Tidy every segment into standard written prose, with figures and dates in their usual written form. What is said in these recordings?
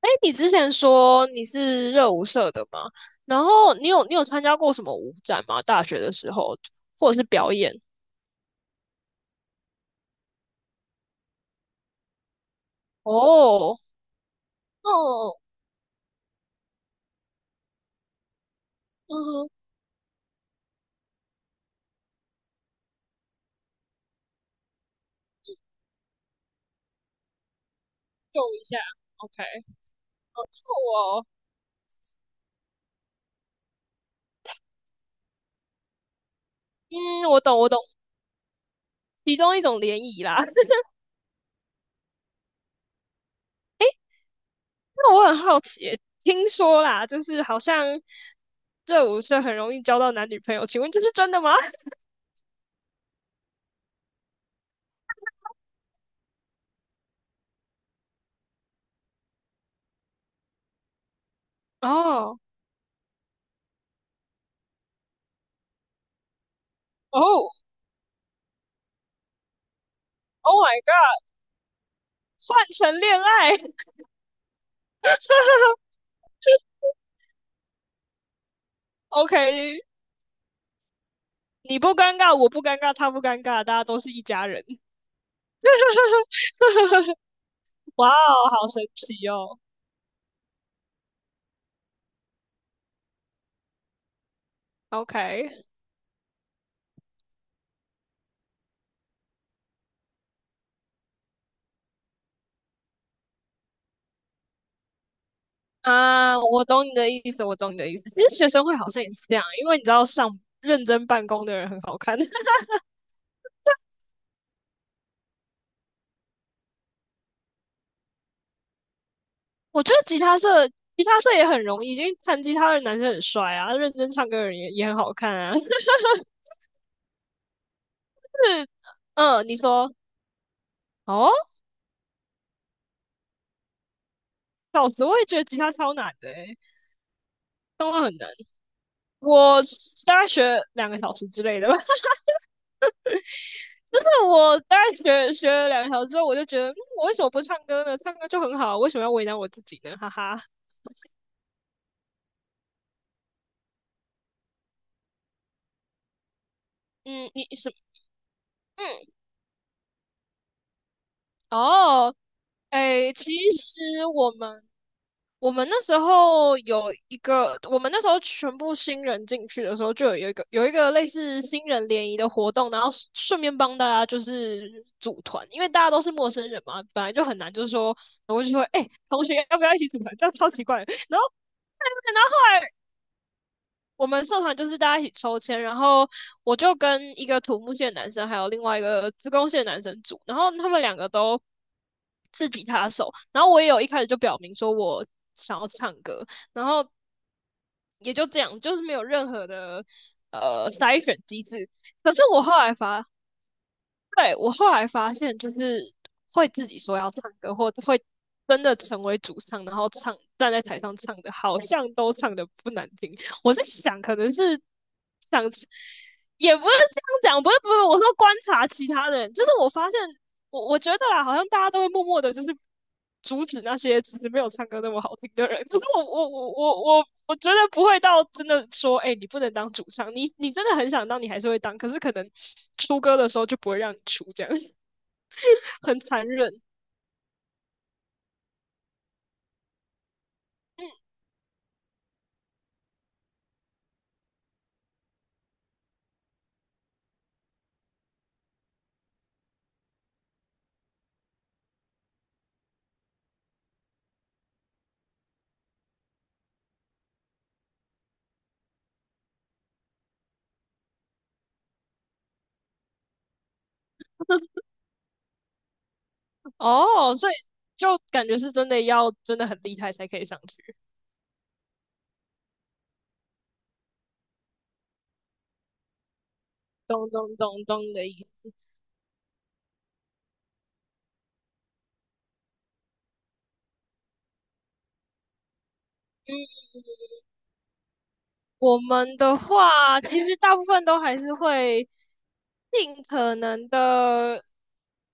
哎，你之前说你是热舞社的嘛？然后你有参加过什么舞展吗？大学的时候，或者是表演？哦。哦。嗯哼。秀一下。OK。酷哦。嗯，我懂，我懂。其中一种联谊啦。那我很好奇，听说啦，就是好像热舞社很容易交到男女朋友，请问这是真的吗？哦。哦。Oh my God，换成恋爱。 ，OK，你不尴尬，我不尴尬，他不尴尬，大家都是一家人。哇哦，好神奇哦。OK。啊，我懂你的意思，我懂你的意思。其实学生会好像也是这样啊，因为你知道上认真办公的人很好看。我觉得吉他社也很容易，因为弹吉他的男生很帅啊，认真唱歌的人也很好看啊。就是嗯，你说哦，老子我也觉得吉他超难的欸，当然很难。我大概学2个小时之类的吧。我大概学了2小时之后，我就觉得，嗯，我为什么不唱歌呢？唱歌就很好，为什么要为难我自己呢？哈哈。嗯，嗯哦，哎，其实我们我们那时候有一个，我们那时候全部新人进去的时候，就有一个类似新人联谊的活动，然后顺便帮大家就是组团，因为大家都是陌生人嘛，本来就很难，就是说我就说，哎，同学要不要一起组团？这样超奇怪的。然后我们社团就是大家一起抽签，然后我就跟一个土木系的男生，还有另外一个资工系的男生组，然后他们两个都是吉他手，然后我也有一开始就表明说我想要唱歌，然后也就这样，就是没有任何的筛选机制。可是我后来发对，我后来发现，就是会自己说要唱歌，或者会真的成为主唱，然后站在台上唱的，好像都唱的不难听。我在想，可能是想，也不是这样讲，不是不是，我说观察其他人，就是我发现，我觉得啦，好像大家都会默默的，就是阻止那些其实没有唱歌那么好听的人。可是我我觉得不会到真的说，哎、你不能当主唱，你真的很想当，你还是会当，可是可能出歌的时候就不会让你出，这样 很残忍哦。所以就感觉是真的要真的很厉害才可以上去，咚咚咚咚的意思。嗯，我们的话其实大部分都还是会尽可能的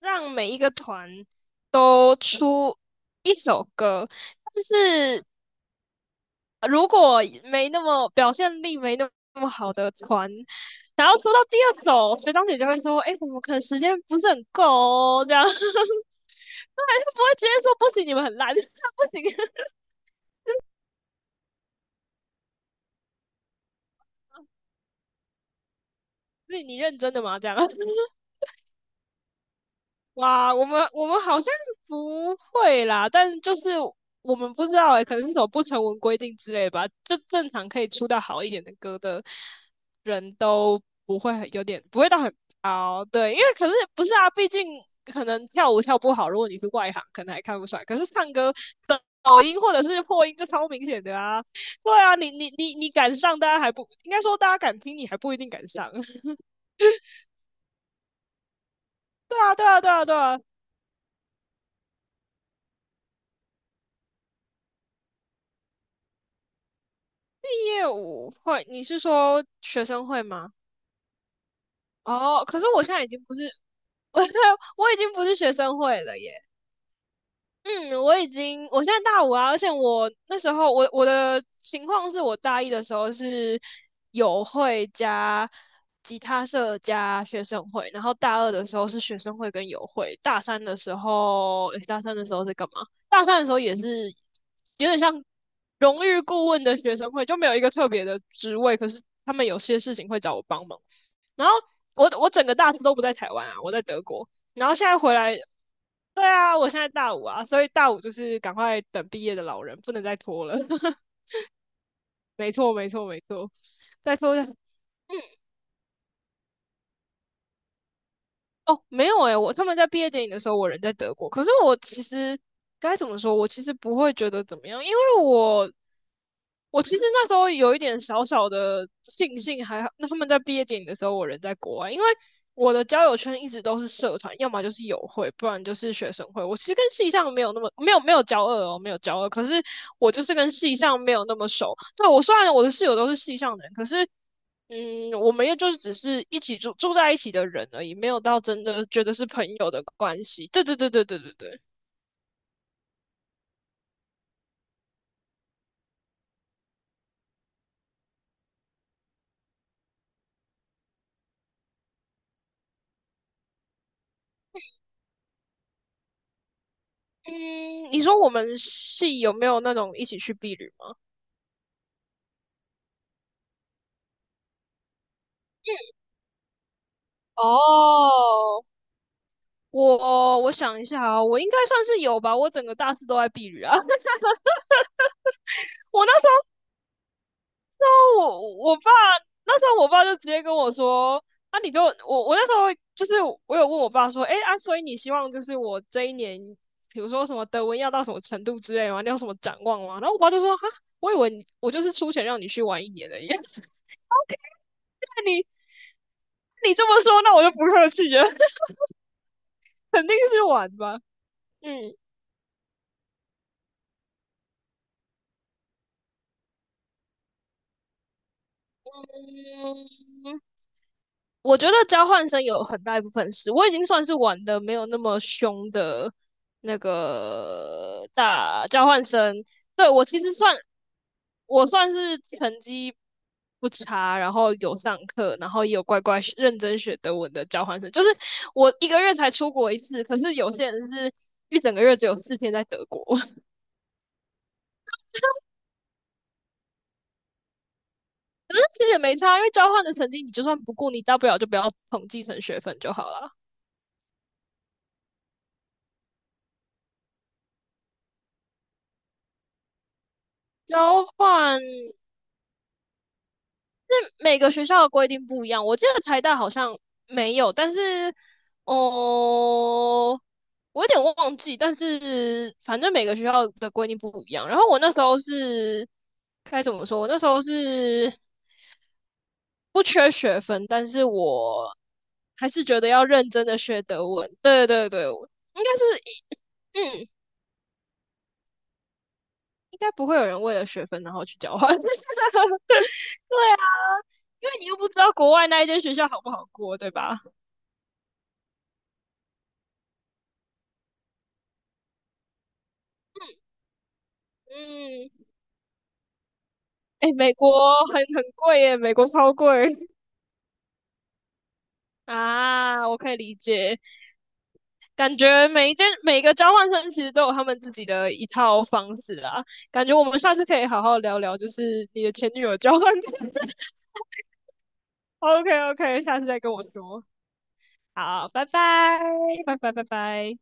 让每一个团都出一首歌，但是如果没那么表现力没那么好的团，然后拖到第二首，学长姐就会说：“哎，我们可能时间不是很够哦这样。”他还是不会直接说不行，你们很烂，不行，是你认真的吗？这样。哇，我们好像不会啦，但就是我们不知道诶、可能是种不成文规定之类吧。就正常可以出到好一点的歌的人都不会很有点不会到很高，对，因为可是不是啊，毕竟可能跳舞跳不好，如果你是外行，可能还看不出来。可是唱歌的抖音或者是破音就超明显的啊，对啊，你敢上，大家还不应该说大家敢听，你还不一定敢上。对啊，对啊，对啊，对啊。业务会，你是说学生会吗？哦，可是我现在已经不是，我我已经不是学生会了耶。嗯，我已经，我现在大五啊，而且我那时候我的情况是我大一的时候是友会加吉他社加学生会，然后大二的时候是学生会跟友会，大三的时候是干嘛？大三的时候也是有点像荣誉顾问的学生会，就没有一个特别的职位，可是他们有些事情会找我帮忙。然后我整个大四都不在台湾啊，我在德国。然后现在回来，对啊，我现在大五啊，所以大五就是赶快等毕业的老人，不能再拖了。没错，没错，没错。再拖下。嗯哦，没有诶，他们在毕业典礼的时候，我人在德国。可是我其实该怎么说？我其实不会觉得怎么样，因为我其实那时候有一点小小的庆幸，还好，那他们在毕业典礼的时候，我人在国外，因为我的交友圈一直都是社团，要么就是友会，不然就是学生会。我其实跟系上没有那么没有交恶哦，没有交恶，可是我就是跟系上没有那么熟。对，我虽然我的室友都是系上的人，可是嗯，我们也就是只是一起住在一起的人而已，没有到真的觉得是朋友的关系。对对对对对对对。嗯，你说我们系有没有那种一起去避旅吗？哦，我想一下啊，我应该算是有吧，我整个大四都在避雨啊。我那时候我我爸那时候我爸就直接跟我说，啊你就我我那时候就是我有问我爸说，哎啊，所以你希望就是我这一年，比如说什么德文要到什么程度之类的吗？你有什么展望吗？然后我爸就说，哈，我以为你我就是出钱让你去玩一年的样子。OK，那你这么说，那我就不客气了，肯定是玩吧。嗯嗯，我觉得交换生有很大一部分是，我已经算是玩的没有那么凶的那个大交换生。对，我算是成绩不差，然后有上课，然后也有乖乖学认真学德文的交换生。就是我一个月才出国一次，可是有些人是一整个月只有4天在德国，可是其实也没差，因为交换的成绩你就算不顾，你大不了就不要统计成学分就好了。交换。是每个学校的规定不一样，我记得台大好像没有，但是哦，我有点忘记，但是反正每个学校的规定不一样。然后我那时候是该怎么说？我那时候是不缺学分，但是我还是觉得要认真的学德文。对对对，我应该是嗯，应该不会有人为了学分然后去交换。对啊，因为你又不知道国外那一间学校好不好过，对吧？嗯，哎，美国很贵耶，美国超贵 啊，我可以理解。感觉每一件每个交换生其实都有他们自己的一套方式啊。感觉我们下次可以好好聊聊，就是你的前女友交换。OK OK，下次再跟我说。好，拜拜，拜拜拜拜。